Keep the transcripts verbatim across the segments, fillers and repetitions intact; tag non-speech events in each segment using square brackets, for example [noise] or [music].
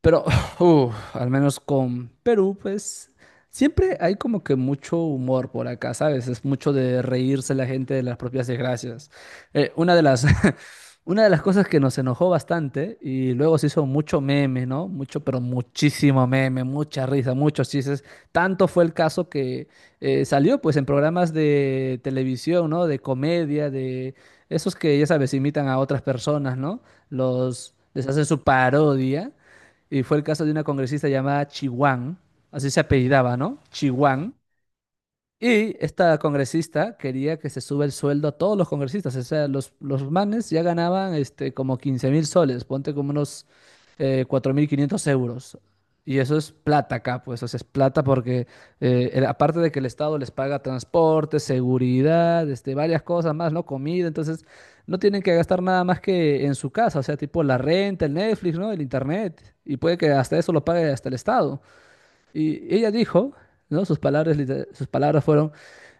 Pero [laughs] uf, al menos con Perú, pues siempre hay como que mucho humor por acá, ¿sabes? Es mucho de reírse la gente de las propias desgracias. Eh, una de las, [laughs] una de las cosas que nos enojó bastante y luego se hizo mucho meme, ¿no? Mucho, pero muchísimo meme, mucha risa, muchos chistes. Tanto fue el caso que eh, salió pues en programas de televisión, ¿no? De comedia, de esos que ya sabes, imitan a otras personas, ¿no? Los les hacen su parodia. Y fue el caso de una congresista llamada Chihuán, así se apellidaba, ¿no? Chihuán, y esta congresista quería que se suba el sueldo a todos los congresistas. O sea, los, los manes ya ganaban este, como quince mil soles, ponte como unos eh, cuatro mil quinientos euros. Y eso es plata acá, pues, o sea, es plata porque eh, el- aparte de que el Estado les paga transporte, seguridad, este, varias cosas más, ¿no? Comida, entonces no tienen que gastar nada más que en su casa, o sea, tipo la renta, el Netflix, ¿no? El internet. Y puede que hasta eso lo pague hasta el Estado. Y ella dijo, ¿no? Sus palabras, liter- sus palabras fueron,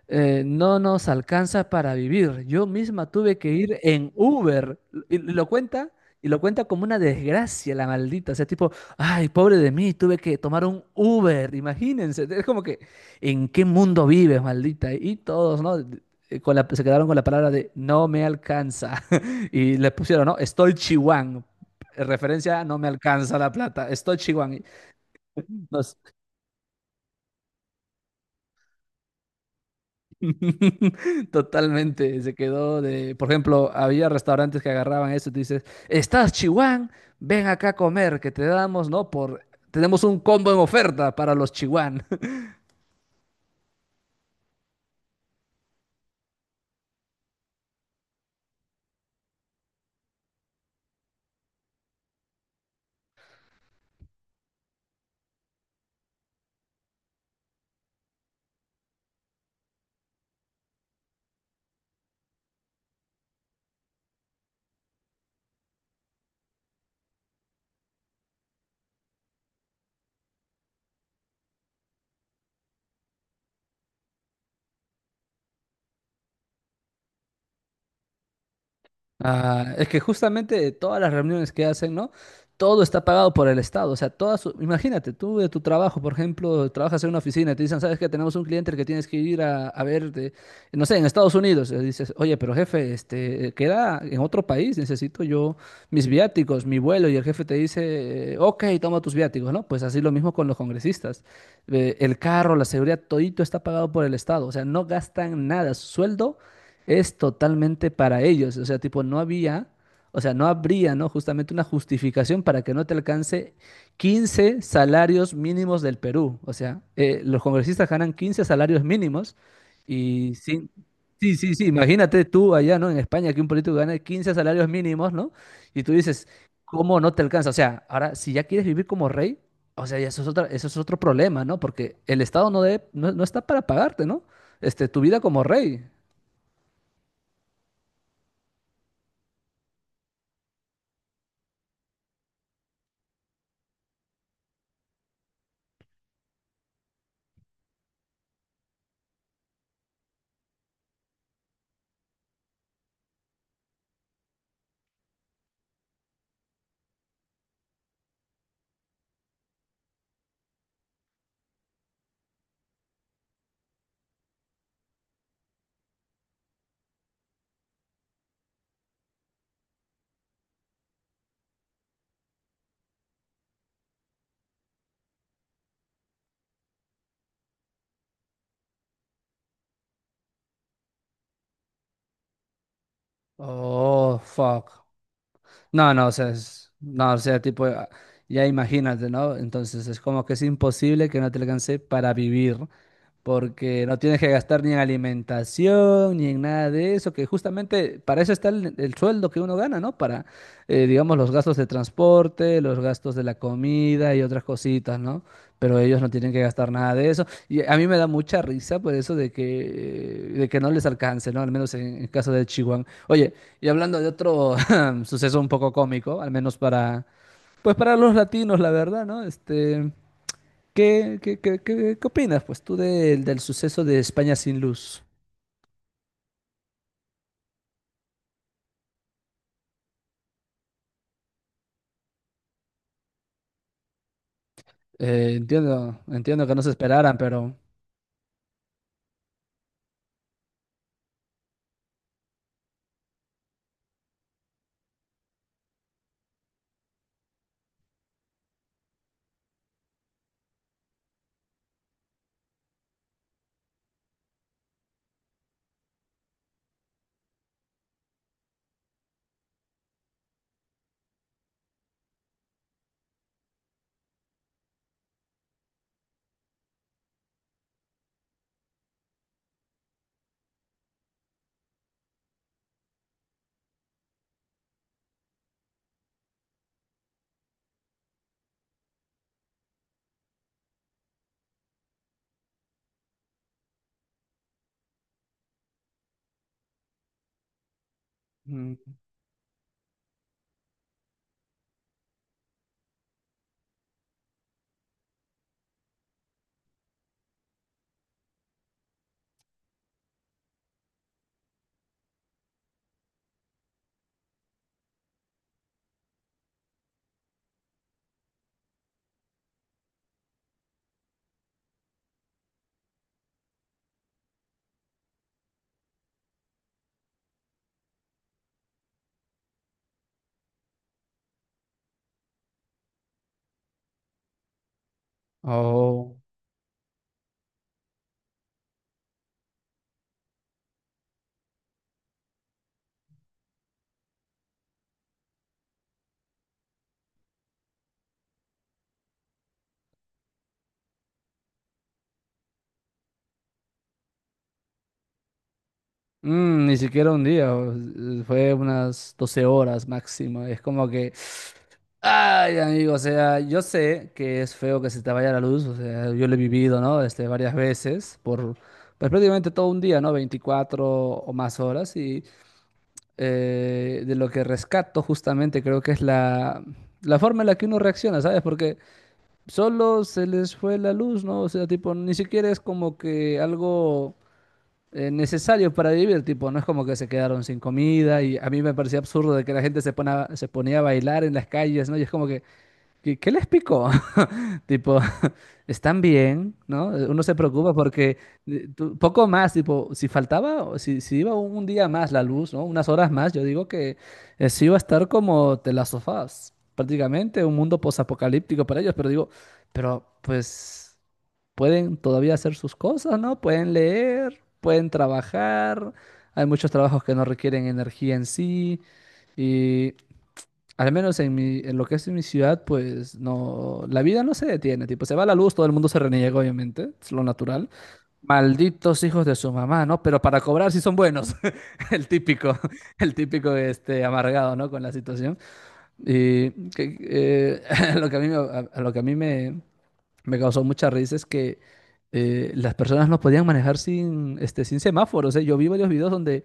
eh, no nos alcanza para vivir. Yo misma tuve que ir en Uber. Y y lo cuenta, y lo cuenta como una desgracia, la maldita. O sea, tipo, ay, pobre de mí, tuve que tomar un Uber. Imagínense. Es como que, ¿en qué mundo vives, maldita? Y todos, ¿no? Eh, Con la- se quedaron con la palabra de no me alcanza. [laughs] Y le pusieron, ¿no? Estoy chihuán. Referencia a no me alcanza la plata. Estoy chihuán. No sé. [laughs] Totalmente, se quedó de, por ejemplo, había restaurantes que agarraban eso, te dices, ¿estás Chihuán? Ven acá a comer, que te damos, ¿no? Por, tenemos un combo en oferta para los Chihuán. Ah, es que justamente todas las reuniones que hacen, ¿no? Todo está pagado por el Estado. O sea, todas, su- imagínate, tú de tu trabajo, por ejemplo, trabajas en una oficina y te dicen, sabes que tenemos un cliente que tienes que ir a, a ver, de- no sé, en Estados Unidos. Y dices, oye, pero jefe, este, queda en otro país, necesito yo mis viáticos, mi vuelo. Y el jefe te dice, eh, ok, toma tus viáticos, ¿no? Pues así lo mismo con los congresistas. Eh, el carro, la seguridad, todito está pagado por el Estado. O sea, no gastan nada. Su sueldo es totalmente para ellos. O sea, tipo, no había, o sea, no habría, ¿no? Justamente una justificación para que no te alcance quince salarios mínimos del Perú. O sea, eh, los congresistas ganan quince salarios mínimos y sin... Sí, sí, sí, imagínate tú allá, ¿no? En España que un político gana quince salarios mínimos, ¿no? Y tú dices, ¿cómo no te alcanza? O sea, ahora, si ya quieres vivir como rey, o sea, ya eso es otra, eso es otro problema, ¿no? Porque el Estado no, debe, no, no está para pagarte, ¿no? Este, tu vida como rey. Oh, fuck. No, no, o sea, es- no, o sea, tipo, ya imagínate, ¿no? Entonces es como que es imposible que no te alcance para vivir porque no tienes que gastar ni en alimentación, ni en nada de eso, que justamente para eso está el, el sueldo que uno gana, ¿no? Para, eh, digamos, los gastos de transporte, los gastos de la comida y otras cositas, ¿no? Pero ellos no tienen que gastar nada de eso. Y a mí me da mucha risa por eso de que, eh, de que no les alcance, ¿no? Al menos en el caso de Chihuahua. Oye, y hablando de otro [laughs] suceso un poco cómico, al menos para, pues para los latinos, la verdad, ¿no? Este... ¿Qué, qué, qué, qué- ¿qué opinas, pues, tú del, del suceso de España sin luz? Eh, entiendo, entiendo que no se esperaran, pero... Mm. Oh, mm, ni siquiera un día, o- eh, fue unas doce horas máximo. Es como que... Ay, amigo, o sea, yo sé que es feo que se te vaya la luz, o sea, yo lo he vivido, ¿no? Este, varias veces, por pues, prácticamente todo un día, ¿no? Veinticuatro o más horas, y eh, de lo que rescato justamente creo que es la, la forma en la que uno reacciona, ¿sabes? Porque solo se les fue la luz, ¿no? O sea, tipo, ni siquiera es como que algo eh, necesario para vivir, tipo, no es como que se quedaron sin comida y a mí me parecía absurdo de que la gente se, pone a- se ponía a bailar en las calles, ¿no? Y es como que, ¿qué, ¿qué les picó? [laughs] Tipo, [laughs] están bien, ¿no? Uno se preocupa porque eh, tú- poco más, tipo, si faltaba, o si, si iba un día más la luz, ¿no? Unas horas más, yo digo que eh, sí iba a estar como de las sofás, prácticamente un mundo posapocalíptico para ellos, pero digo, pero pues pueden todavía hacer sus cosas, ¿no? Pueden leer, pueden trabajar, hay muchos trabajos que no requieren energía en sí, y al menos en mi, en lo que es en mi ciudad, pues no, la vida no se detiene, tipo, se va la luz, todo el mundo se reniega, obviamente, es lo natural. Malditos hijos de su mamá, ¿no? Pero para cobrar sí son buenos, [laughs] el típico, el típico este, amargado, ¿no? Con la situación. Y que- eh, [laughs] lo que a mí, me- a- a lo que a mí me, me causó mucha risa es que eh, las personas no podían manejar sin, este, sin semáforos. ¿Eh? Yo vi varios videos donde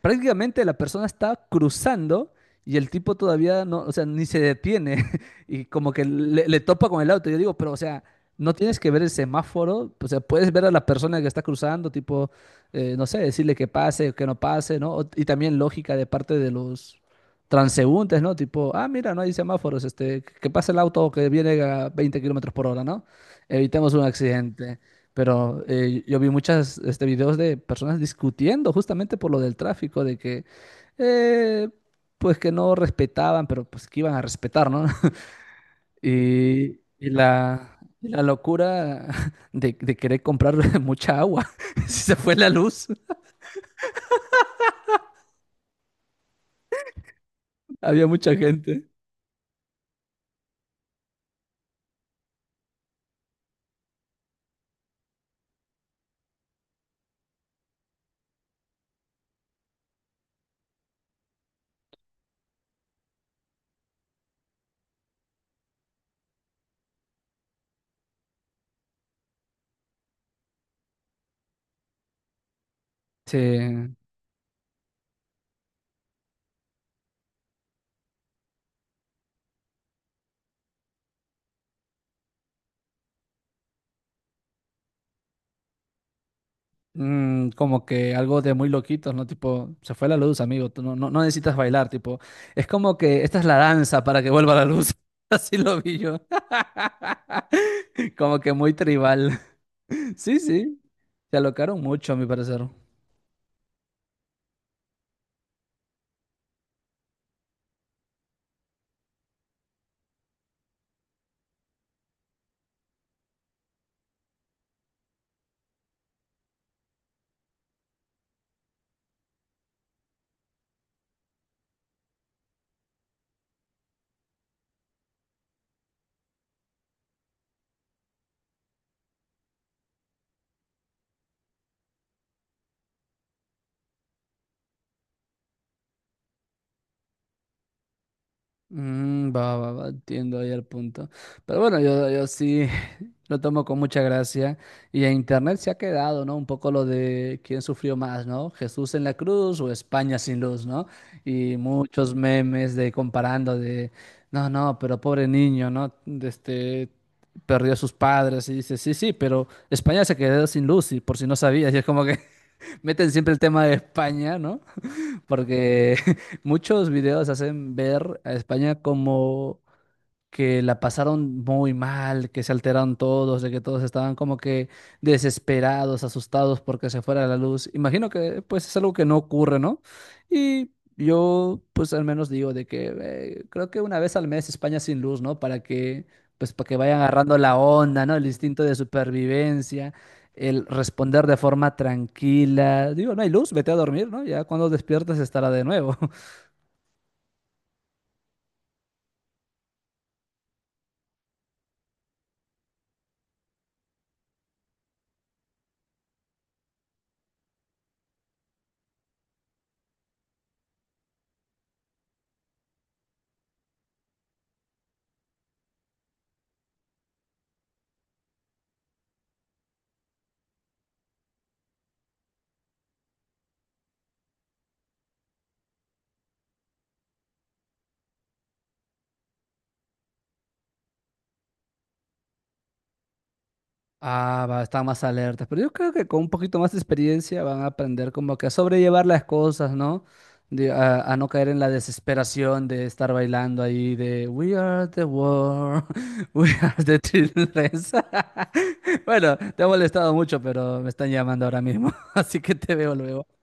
prácticamente la persona está cruzando y el tipo todavía no, o sea, ni se detiene [laughs] y como que le, le topa con el auto. Yo digo, pero o sea, no tienes que ver el semáforo, o sea, puedes ver a la persona que está cruzando, tipo, eh, no sé, decirle que pase o que no pase, ¿no? O- y también lógica de parte de los transeúntes, ¿no? Tipo, ah, mira, no hay semáforos, este, que que pase el auto que viene a veinte kilómetros por hora, ¿no? Evitemos un accidente. Pero eh, yo vi muchas este, videos de personas discutiendo justamente por lo del tráfico, de que eh, pues que no respetaban, pero pues que iban a respetar, ¿no? [laughs] Y, y la, y la locura [laughs] de, de querer comprar [laughs] mucha agua. [laughs] Si se fue la luz, [laughs] había mucha gente. Sí. Mm, como que algo de muy loquitos, ¿no? Tipo, se fue la luz, amigo, tú no, no, no necesitas bailar, tipo, es como que esta es la danza para que vuelva la luz. [laughs] Así lo vi yo. [laughs] Como que muy tribal. [laughs] Sí, sí, se alocaron mucho, a mi parecer. Mm, va, va, va, entiendo ahí el punto. Pero bueno, yo, yo sí [laughs] lo tomo con mucha gracia. Y en internet se ha quedado, ¿no? Un poco lo de quién sufrió más, ¿no? ¿Jesús en la cruz o España sin luz, ¿no? Y muchos memes de comparando de, no, no, pero pobre niño, ¿no? De Este, perdió a sus padres y dice, sí, sí, pero España se quedó sin luz y por si no sabías. Y es como que [laughs] meten siempre el tema de España, ¿no? [laughs] Porque [laughs] muchos videos hacen ver a España como que la pasaron muy mal, que se alteraron todos, de que todos estaban como que desesperados, asustados porque se fuera la luz. Imagino que pues es algo que no ocurre, ¿no? Y yo pues al menos digo de que eh, creo que una vez al mes España sin luz, ¿no? Para que pues para que vayan agarrando la onda, ¿no? El instinto de supervivencia, el responder de forma tranquila. Digo, no hay luz, vete a dormir, ¿no? Ya cuando despiertes estará de nuevo. [laughs] Ah, va, están más alertas, pero yo creo que con un poquito más de experiencia van a aprender como que a sobrellevar las cosas, ¿no? De- a, a no caer en la desesperación de estar bailando ahí de We are the world, [laughs] we are the children. [laughs] Bueno, te ha molestado mucho, pero me están llamando ahora mismo, [laughs] así que te veo luego.